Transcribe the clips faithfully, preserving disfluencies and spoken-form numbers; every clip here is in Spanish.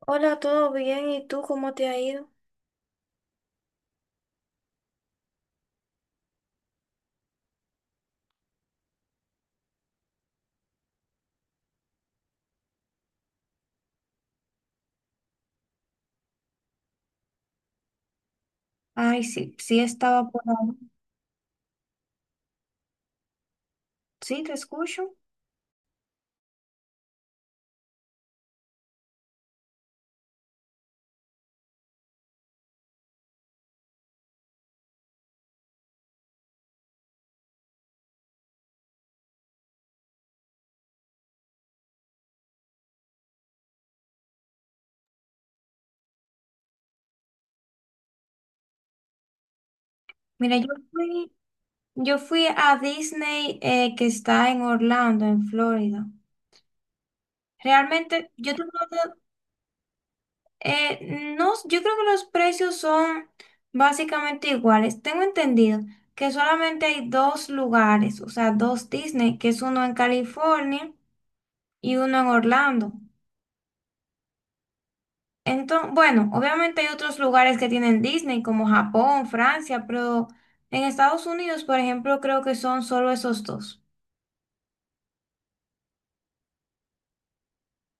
Hola, ¿todo bien? ¿Y tú cómo te ha ido? Ay, sí, sí estaba por ahí. Sí, te escucho. Mira, yo fui, yo fui a Disney eh, que está en Orlando, en Florida. Realmente, yo te puedo- eh, no, yo creo que los precios son básicamente iguales. Tengo entendido que solamente hay dos lugares, o sea, dos Disney, que es uno en California y uno en Orlando. Entonces, bueno, obviamente hay otros lugares que tienen Disney, como Japón, Francia, pero en Estados Unidos, por ejemplo, creo que son solo esos dos.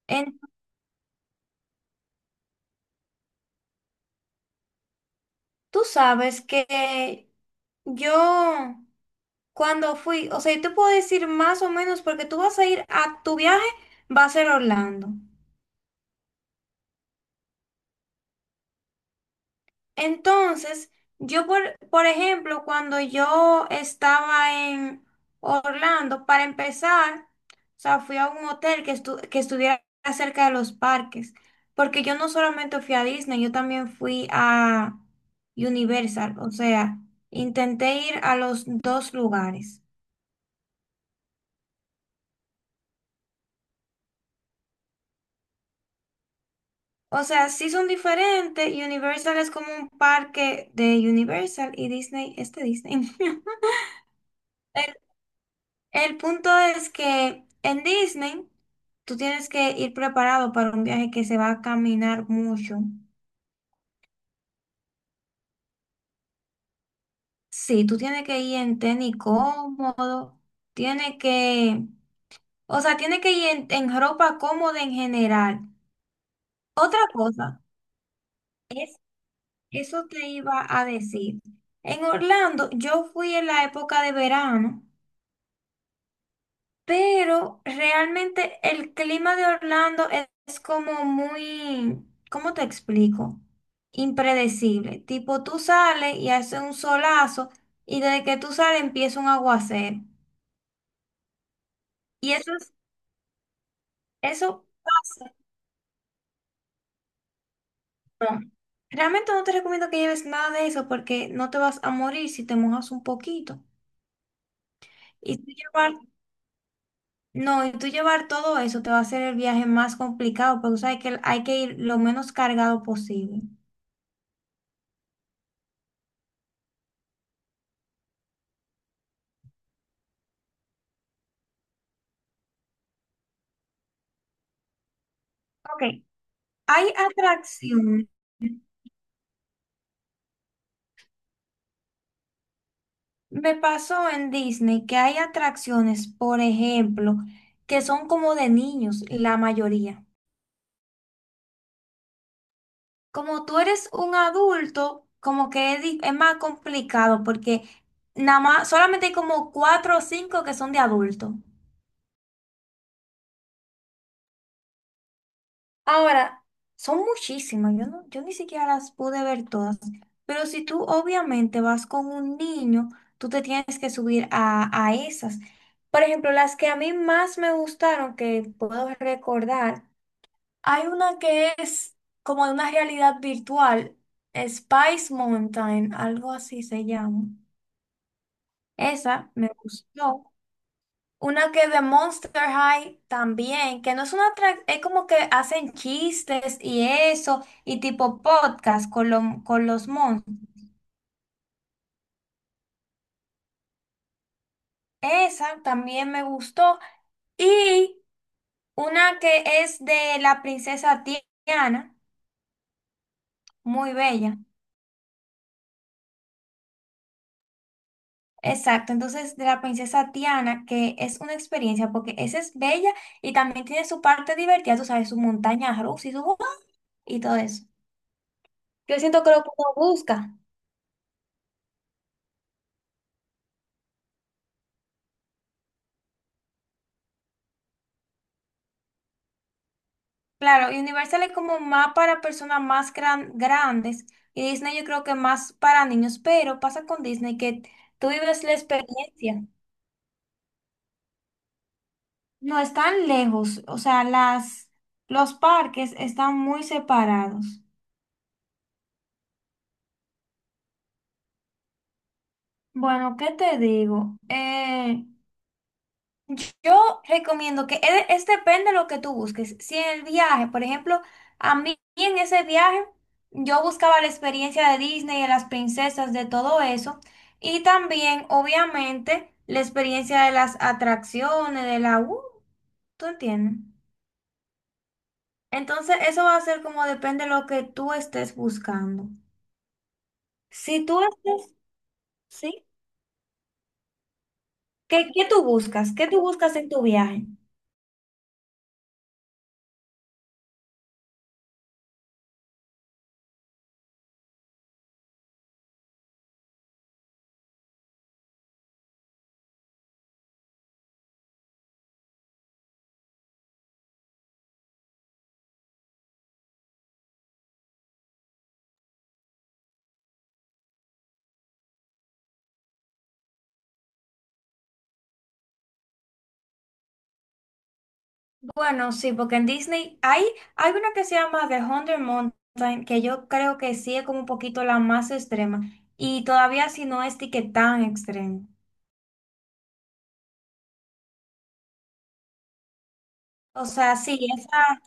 En- tú sabes que yo cuando fui, o sea, yo te puedo decir más o menos porque tú vas a ir a tu viaje, va a ser Orlando. Entonces, yo, por, por ejemplo, cuando yo estaba en Orlando, para empezar, o sea, fui a un hotel que, estu- que estuviera cerca de los parques, porque yo no solamente fui a Disney, yo también fui a Universal, o sea, intenté ir a los dos lugares. O sea, sí son diferentes, Universal es como un parque de Universal y Disney es de Disney. El punto es que en Disney tú tienes que ir preparado para un viaje que se va a caminar mucho. Sí, tú tienes que ir en tenis cómodo, tienes que, o sea, tienes que ir en, en ropa cómoda en general. Otra cosa, es, eso te iba a decir. En Orlando, yo fui en la época de verano. Pero realmente el clima de Orlando es es como muy, ¿cómo te explico? Impredecible. Tipo, tú sales y hace un solazo y desde que tú sales empieza un aguacero. Y eso es, eso pasa. No. Realmente no te recomiendo que lleves nada de eso porque no te vas a morir si te mojas un poquito. Y tú llevar, no, y tú llevar todo eso te va a hacer el viaje más complicado porque tú sabes que hay que ir lo menos cargado posible. Ok, hay atracciones. Me pasó en Disney que hay atracciones, por ejemplo, que son como de niños, la mayoría. Como tú eres un adulto, como que es, di- es más complicado porque nada más, solamente hay como cuatro o cinco que son de adulto. Ahora, son muchísimas, yo, no, yo ni siquiera las pude ver todas, pero si tú obviamente vas con un niño, tú te tienes que subir a, a esas. Por ejemplo, las que a mí más me gustaron, que puedo recordar, hay una que es como de una realidad virtual, Spice Mountain, algo así se llama. Esa me gustó. Una que de Monster High también, que no es una tra- es como que hacen chistes y eso, y tipo podcast con, lo- con los monstruos. Esa también me gustó. Y una que es de la princesa Tiana, muy bella. Exacto, entonces de la princesa Tiana, que es una experiencia, porque esa es bella y también tiene su parte divertida, tú sabes, su montaña rusa y su y todo eso. Yo siento que lo que uno busca. Claro, y Universal es como más para personas más gran- grandes y Disney yo creo que más para niños, pero pasa con Disney que tú vives la experiencia. No están lejos, o sea, las, los parques están muy separados. Bueno, ¿qué te digo? Eh, Yo recomiendo que es, es depende de lo que tú busques. Si en el viaje, por ejemplo, a mí en ese viaje yo buscaba la experiencia de Disney, de las princesas, de todo eso. Y también, obviamente, la experiencia de las atracciones, de la... Uh, ¿tú entiendes? Entonces, eso va a ser como depende de lo que tú estés buscando. Si tú estás, ¿sí? ¿Qué, qué tú buscas? ¿Qué tú buscas en tu viaje? Bueno, sí, porque en Disney hay, hay una que se llama The Hundred Mountain, que yo creo que sí es como un poquito la más extrema, y todavía si no es de que tan extrema. O sea, sí, esa,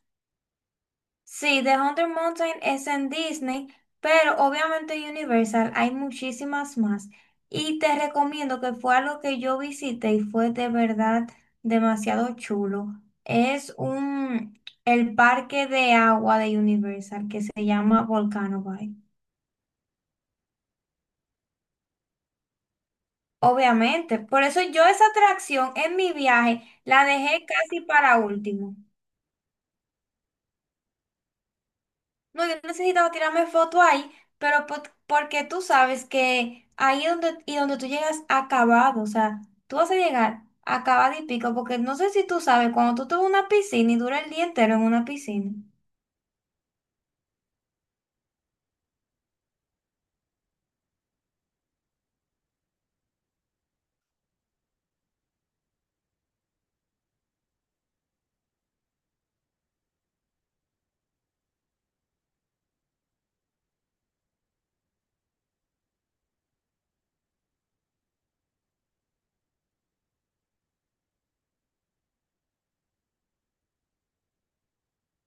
sí, The Hundred Mountain es en Disney, pero obviamente en Universal hay muchísimas más. Y te recomiendo que fue algo que yo visité y fue de verdad demasiado chulo. Es un, el parque de agua de Universal que se llama Volcano Bay. Obviamente, por eso yo esa atracción en mi viaje la dejé casi para último. No, yo necesitaba tirarme foto ahí, pero po- porque tú sabes que ahí es donde, y donde tú llegas acabado, o sea, tú vas a llegar acabado y pico, porque no sé si tú sabes, cuando tú te vas a una piscina y dura el día entero en una piscina,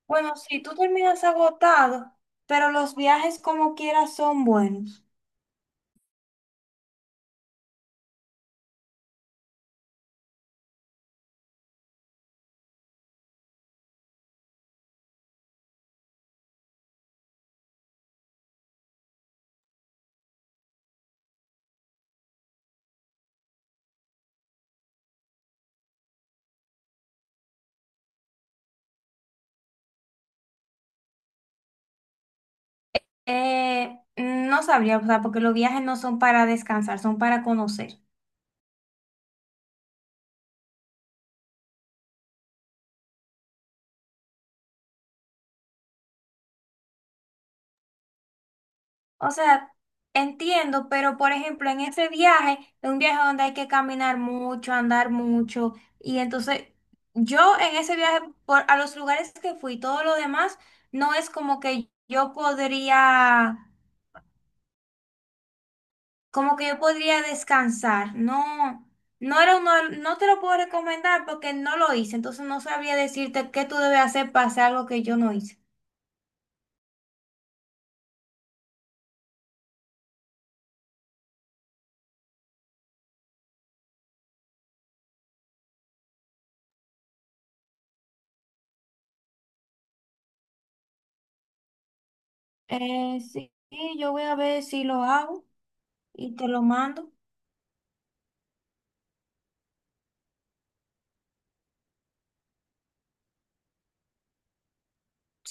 bueno, sí tú terminas agotado, pero los viajes como quieras son buenos. Eh, no sabría, o sea, porque los viajes no son para descansar, son para conocer. O sea, entiendo, pero por ejemplo, en ese viaje, es un viaje donde hay que caminar mucho, andar mucho, y entonces yo en ese viaje, por, a los lugares que fui, todo lo demás, no es como que yo podría, como que yo podría descansar, no, no era uno, no te lo puedo recomendar porque no lo hice, entonces no sabría decirte qué tú debes hacer para hacer algo que yo no hice. Eh, sí, sí, yo voy a ver si lo hago y te lo mando.